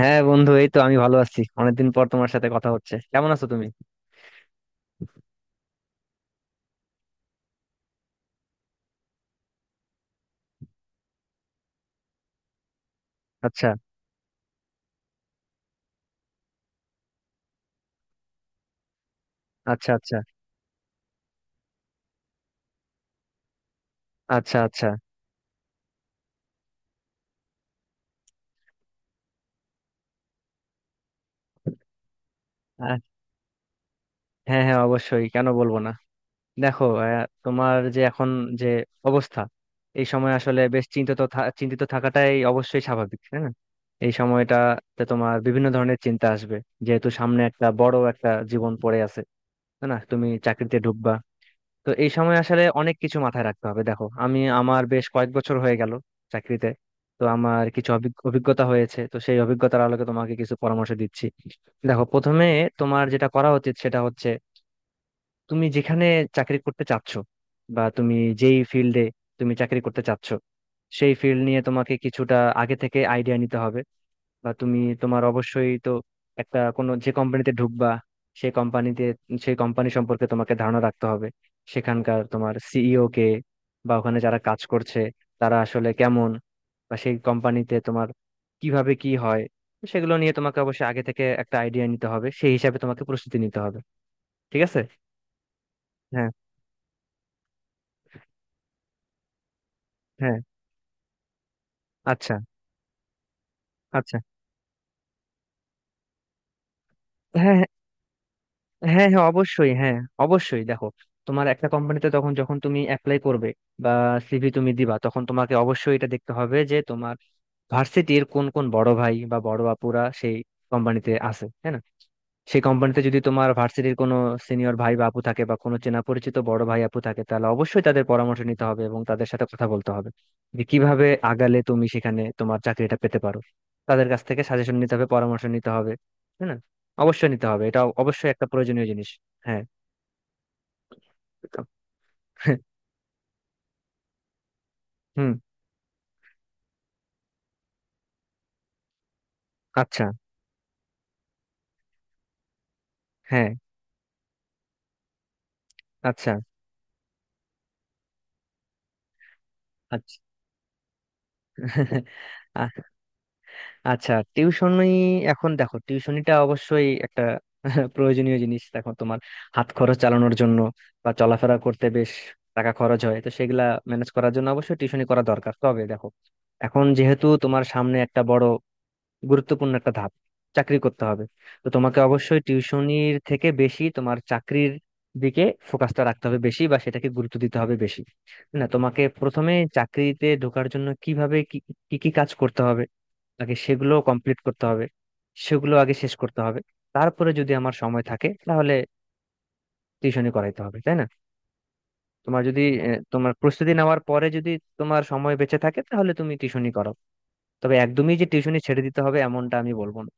হ্যাঁ বন্ধু, এই তো আমি ভালো আছি। অনেকদিন পর তোমার সাথে কথা হচ্ছে। কেমন আছো তুমি? আচ্ছা। আচ্ছা। আচ্ছা। আচ্ছা। আচ্ছা। আহ, হ্যাঁ, হ্যাঁ, অবশ্যই। কেন বলবো না। দেখো, তোমার যে এখন যে অবস্থা, এই সময় আসলে বেশ চিন্তিত থাকাটাই অবশ্যই স্বাভাবিক, তাই না? এই সময়টাতে তোমার বিভিন্ন ধরনের চিন্তা আসবে, যেহেতু সামনে একটা বড় একটা জীবন পড়ে আছে। তাই না, তুমি চাকরিতে ঢুকবা। তো এই সময় আসলে অনেক কিছু মাথায় রাখতে হবে। দেখো, আমি আমার বেশ কয়েক বছর হয়ে গেল চাকরিতে। তো আমার কিছু অভিজ্ঞতা হয়েছে, তো সেই অভিজ্ঞতার আলোকে তোমাকে কিছু পরামর্শ দিচ্ছি। দেখো, প্রথমে তোমার যেটা করা উচিত সেটা হচ্ছে, তুমি যেখানে চাকরি করতে চাচ্ছ, বা তুমি যেই ফিল্ডে তুমি চাকরি করতে চাচ্ছ, সেই ফিল্ড নিয়ে তোমাকে কিছুটা আগে থেকে আইডিয়া নিতে হবে। বা তুমি তোমার অবশ্যই তো একটা কোনো যে কোম্পানিতে ঢুকবা, সেই কোম্পানিতে, সেই কোম্পানি সম্পর্কে তোমাকে ধারণা রাখতে হবে। সেখানকার তোমার সিইও কে, বা ওখানে যারা কাজ করছে তারা আসলে কেমন, বা সেই কোম্পানিতে তোমার কিভাবে কি হয়, সেগুলো নিয়ে তোমাকে অবশ্যই আগে থেকে একটা আইডিয়া নিতে হবে। সেই হিসাবে তোমাকে প্রস্তুতি নিতে হবে, ঠিক আছে? হ্যাঁ, হ্যাঁ। আচ্ছা, আচ্ছা। হ্যাঁ, হ্যাঁ। হ্যাঁ, হ্যাঁ, অবশ্যই। হ্যাঁ, অবশ্যই। দেখো, তোমার একটা কোম্পানিতে তখন যখন তুমি অ্যাপ্লাই করবে বা সিভি তুমি দিবা, তখন তোমাকে অবশ্যই এটা দেখতে হবে যে তোমার ভার্সিটির কোন কোন বড় ভাই বা বড় আপুরা সেই কোম্পানিতে আছে, হ্যাঁ না? সেই কোম্পানিতে যদি তোমার ভার্সিটির কোনো সিনিয়র ভাই বা আপু থাকে, বা কোনো চেনা পরিচিত বড় ভাই আপু থাকে, তাহলে অবশ্যই তাদের পরামর্শ নিতে হবে এবং তাদের সাথে কথা বলতে হবে, যে কিভাবে আগালে তুমি সেখানে তোমার চাকরিটা পেতে পারো। তাদের কাছ থেকে সাজেশন নিতে হবে, পরামর্শ নিতে হবে, তাই না? অবশ্যই নিতে হবে, এটা অবশ্যই একটা প্রয়োজনীয় জিনিস। হ্যাঁ। তো- হুম। আচ্ছা। হ্যাঁ। আচ্ছা। আচ্ছা। আচ্ছা, টিউশনি। এখন দেখো, টিউশনিটা অবশ্যই একটা প্রয়োজনীয় জিনিস। দেখো, তোমার হাত খরচ চালানোর জন্য বা চলাফেরা করতে বেশ টাকা খরচ হয়, তো সেগুলা ম্যানেজ করার জন্য অবশ্যই টিউশনি করা দরকার। তবে দেখো, এখন যেহেতু তোমার সামনে একটা বড় গুরুত্বপূর্ণ একটা ধাপ, চাকরি করতে হবে, তো তোমাকে অবশ্যই টিউশনির থেকে বেশি তোমার চাকরির দিকে ফোকাসটা রাখতে হবে বেশি, বা সেটাকে গুরুত্ব দিতে হবে বেশি। তাই না? তোমাকে প্রথমে চাকরিতে ঢোকার জন্য কিভাবে কি, কি কি কাজ করতে হবে, আগে সেগুলো কমপ্লিট করতে হবে, সেগুলো আগে শেষ করতে হবে। তারপরে যদি আমার সময় থাকে তাহলে টিউশনি করাইতে হবে, তাই না? তোমার যদি, তোমার প্রস্তুতি নেওয়ার পরে যদি তোমার সময় বেঁচে থাকে, তাহলে তুমি টিউশনি করো। তবে একদমই যে টিউশনি ছেড়ে দিতে হবে এমনটা আমি বলবো না,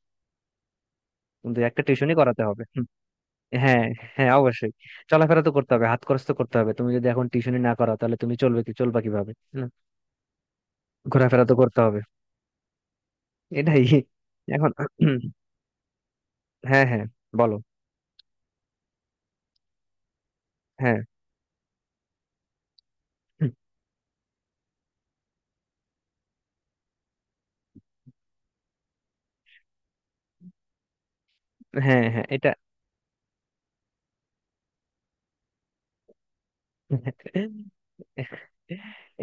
কিন্তু একটা টিউশনি করাতে হবে। হুম। হ্যাঁ, হ্যাঁ, অবশ্যই। চলাফেরা তো করতে হবে, হাত খরচ তো করতে হবে। তুমি যদি এখন টিউশনি না করো তাহলে তুমি চলবে কি, চলবা কিভাবে, তাই না? ঘোরাফেরা তো করতে হবে। এটাই। এখন। হ্যাঁ, হ্যাঁ, বলো। হ্যাঁ, হ্যাঁ। হ্যাঁ, এটা,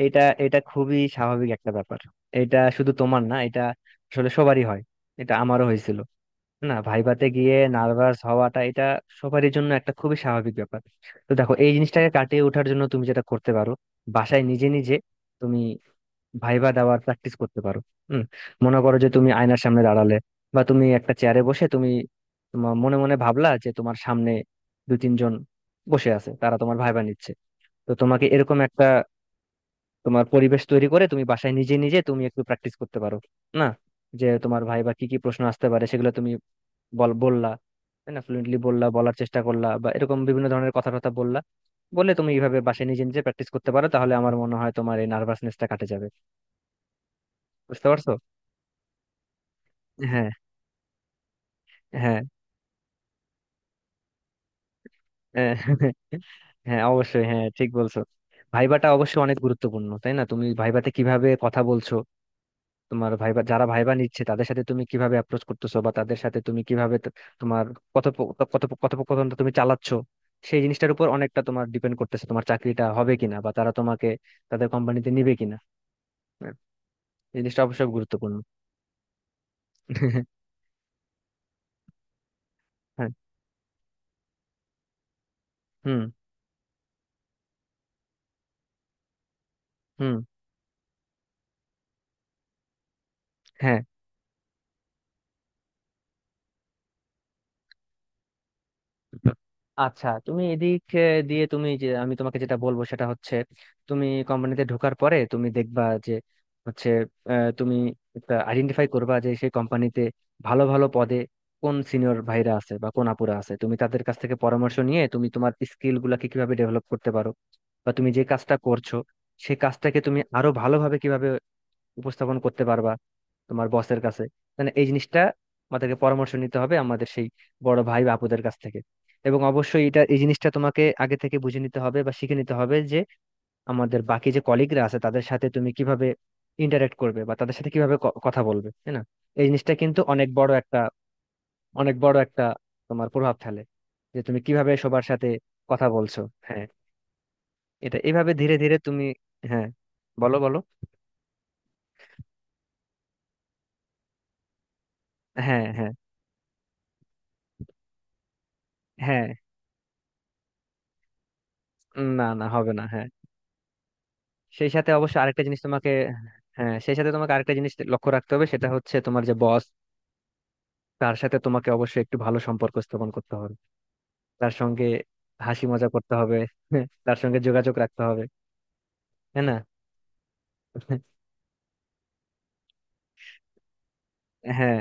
এটা এটা খুবই স্বাভাবিক একটা ব্যাপার। এটা শুধু তোমার না, এটা আসলে সবারই হয়। এটা আমারও হয়েছিল। না, ভাইভাতে গিয়ে নার্ভাস হওয়াটা এটা সবারই জন্য একটা খুবই স্বাভাবিক ব্যাপার। তো দেখো, এই জিনিসটাকে কাটিয়ে ওঠার জন্য তুমি যেটা করতে পারো, বাসায় নিজে নিজে তুমি ভাইভা দেওয়ার প্র্যাকটিস করতে পারো। হুম। মনে করো যে তুমি আয়নার সামনে দাঁড়ালে, বা তুমি একটা চেয়ারে বসে তুমি তোমার মনে মনে ভাবলা যে তোমার সামনে দু তিনজন বসে আছে, তারা তোমার ভাইবা নিচ্ছে। তো তোমাকে এরকম একটা তোমার পরিবেশ তৈরি করে তুমি বাসায় নিজে নিজে তুমি একটু প্র্যাকটিস করতে পারো। না, যে তোমার ভাই বা কি কি প্রশ্ন আসতে পারে সেগুলো তুমি বললা, তাই না? ফ্লুয়েন্টলি বললা, বলার চেষ্টা করলা, বা এরকম বিভিন্ন ধরনের কথা কথা বললা বলে। তুমি এইভাবে বাসায় নিজে নিজে প্র্যাকটিস করতে পারো, তাহলে আমার মনে হয় তোমার এই নার্ভাসনেসটা কাটে যাবে। বুঝতে পারছো? হ্যাঁ, হ্যাঁ। হ্যাঁ, হ্যাঁ, অবশ্যই। হ্যাঁ, ঠিক বলছো। ভাইবাটা অবশ্যই অনেক গুরুত্বপূর্ণ, তাই না? তুমি ভাইবাতে কিভাবে কথা বলছো, তোমার ভাইবা যারা ভাইবা নিচ্ছে তাদের সাথে তুমি কিভাবে অ্যাপ্রোচ করতেছো, বা তাদের সাথে তুমি কিভাবে তোমার কথোপকথনটা তুমি চালাচ্ছ, সেই জিনিসটার উপর অনেকটা তোমার ডিপেন্ড করতেছে তোমার চাকরিটা হবে কিনা, বা তারা তোমাকে তাদের কোম্পানিতে নিবে কিনা। হ্যাঁ, এই জিনিসটা অবশ্যই গুরুত্বপূর্ণ। হ্যাঁ। হুম। হুম। হ্যাঁ। আচ্ছা, তুমি এদিক দিয়ে তুমি যে, আমি তোমাকে যেটা বলবো সেটা হচ্ছে, তুমি কোম্পানিতে ঢোকার পরে তুমি দেখবা যে হচ্ছে, তুমি আইডেন্টিফাই করবা যে সেই কোম্পানিতে ভালো ভালো পদে কোন সিনিয়র ভাইরা আছে বা কোন আপুরা আছে। তুমি তাদের কাছ থেকে পরামর্শ নিয়ে তুমি তোমার স্কিল গুলাকে কিভাবে ডেভেলপ করতে পারো, বা তুমি যে কাজটা করছো সেই কাজটাকে তুমি আরো ভালোভাবে কিভাবে উপস্থাপন করতে পারবা তোমার বসের কাছে। মানে এই জিনিসটা আমাদেরকে পরামর্শ নিতে হবে আমাদের সেই বড় ভাই বা আপুদের কাছ থেকে। এবং অবশ্যই এটা, এই জিনিসটা তোমাকে আগে থেকে বুঝে নিতে হবে বা শিখে নিতে হবে যে আমাদের বাকি যে কলিগরা আছে তাদের সাথে তুমি কিভাবে ইন্টারেক্ট করবে, বা তাদের সাথে কিভাবে কথা বলবে, তাই না? এই জিনিসটা কিন্তু অনেক বড় একটা, অনেক বড় একটা তোমার প্রভাব ফেলে, যে তুমি কিভাবে সবার সাথে কথা বলছো। হ্যাঁ। এটা এভাবে ধীরে ধীরে তুমি। হ্যাঁ, বলো বলো। হ্যাঁ, হ্যাঁ। হ্যাঁ, না না, হবে না। হ্যাঁ, সেই সাথে অবশ্য আরেকটা জিনিস তোমাকে। হ্যাঁ, সেই সাথে তোমাকে আরেকটা জিনিস লক্ষ্য রাখতে হবে, সেটা হচ্ছে তোমার যে বস, তার সাথে তোমাকে অবশ্যই একটু ভালো সম্পর্ক স্থাপন করতে হবে। তার সঙ্গে হাসি মজা করতে হবে, তার সঙ্গে যোগাযোগ রাখতে হবে। হ্যাঁ, না। হ্যাঁ,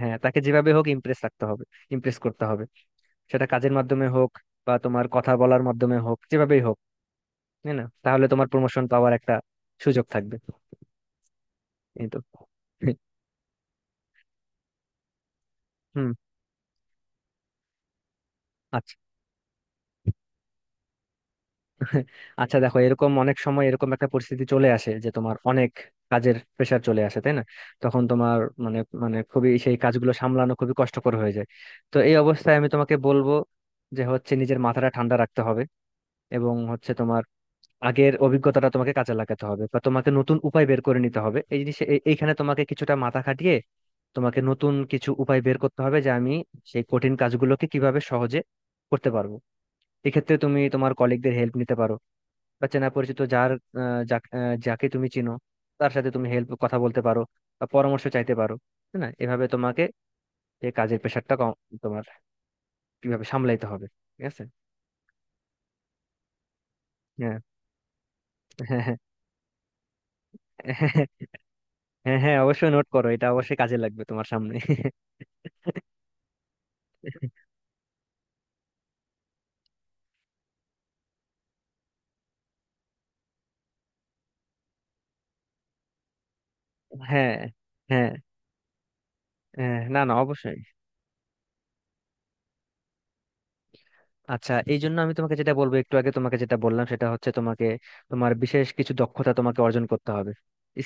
হ্যাঁ, তাকে যেভাবে হোক ইমপ্রেস রাখতে হবে, ইমপ্রেস করতে হবে। সেটা কাজের মাধ্যমে হোক বা তোমার কথা বলার মাধ্যমে হোক, যেভাবেই হোক। হ্যাঁ, না, তাহলে তোমার প্রমোশন পাওয়ার একটা সুযোগ থাকবে। এই তো। হুম। আচ্ছা, আচ্ছা। দেখো, এরকম অনেক সময় এরকম একটা পরিস্থিতি চলে আসে যে তোমার অনেক কাজের প্রেশার চলে আসে, তাই না? তখন তোমার মানে মানে খুবই সেই কাজগুলো সামলানো খুবই কষ্টকর হয়ে যায়। তো এই অবস্থায় আমি তোমাকে বলবো যে হচ্ছে নিজের মাথাটা ঠান্ডা রাখতে হবে, এবং হচ্ছে তোমার আগের অভিজ্ঞতাটা তোমাকে কাজে লাগাতে হবে, বা তোমাকে নতুন উপায় বের করে নিতে হবে। এই জিনিস এইখানে তোমাকে কিছুটা মাথা খাটিয়ে তোমাকে নতুন কিছু উপায় বের করতে হবে, যে আমি সেই কঠিন কাজগুলোকে কিভাবে সহজে করতে পারবো। এক্ষেত্রে তুমি তোমার কলিগদের হেল্প নিতে পারো, বা চেনা পরিচিত যার, যাকে তুমি চিনো তার সাথে তুমি হেল্প কথা বলতে পারো, বা পরামর্শ চাইতে পারো, তাই না? এভাবে তোমাকে এই কাজের প্রেশারটা কম তোমার কিভাবে সামলাইতে হবে। ঠিক আছে? হ্যাঁ, হ্যাঁ। হ্যাঁ, হ্যাঁ। হ্যাঁ, অবশ্যই নোট করো, এটা অবশ্যই কাজে লাগবে তোমার সামনে। হ্যাঁ, হ্যাঁ। হ্যাঁ, না না, অবশ্যই। আচ্ছা, এই জন্য আমি তোমাকে যেটা বলবো, একটু আগে তোমাকে যেটা বললাম সেটা হচ্ছে, তোমাকে তোমার বিশেষ কিছু দক্ষতা তোমাকে অর্জন করতে হবে,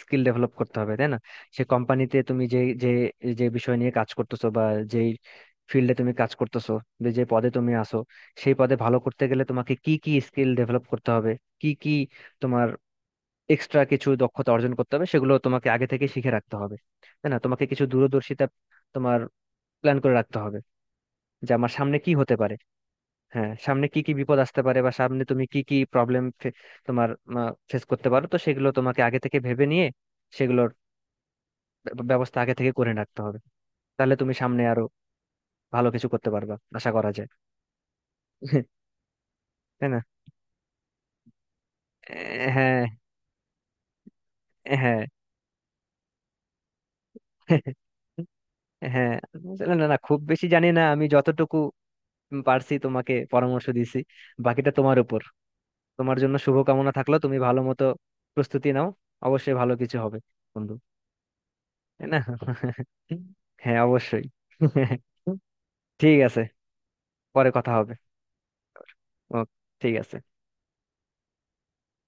স্কিল ডেভেলপ করতে হবে, তাই না? সে কোম্পানিতে তুমি যে যে, যে বিষয় নিয়ে কাজ করতেছো, বা যেই ফিল্ডে তুমি কাজ করতেছো, বা যে পদে তুমি আসো, সেই পদে ভালো করতে গেলে তোমাকে কি কি স্কিল ডেভেলপ করতে হবে, কি কি তোমার এক্সট্রা কিছু দক্ষতা অর্জন করতে হবে, সেগুলো তোমাকে আগে থেকে শিখে রাখতে হবে, তাই না? তোমাকে কিছু দূরদর্শিতা তোমার প্ল্যান করে রাখতে হবে, যে আমার সামনে কি হতে পারে। হ্যাঁ, সামনে কি কি বিপদ আসতে পারে, বা সামনে তুমি কি কি প্রবলেম তোমার ফেস করতে পারো, তো সেগুলো তোমাকে আগে থেকে ভেবে নিয়ে সেগুলোর ব্যবস্থা আগে থেকে করে রাখতে হবে। তাহলে তুমি সামনে আরো ভালো কিছু করতে পারবা আশা করা যায়। তাই না? হ্যাঁ। হ্যাঁ। হ্যাঁ, না না না, খুব বেশি জানি না। আমি যতটুকু পারছি তোমাকে পরামর্শ দিছি, বাকিটা তোমার উপর। তোমার জন্য শুভকামনা থাকলো, তুমি ভালো মতো প্রস্তুতি নাও, অবশ্যই ভালো কিছু হবে বন্ধু। তাই না। হ্যাঁ, অবশ্যই। ঠিক আছে, পরে কথা হবে। ও, ঠিক আছে।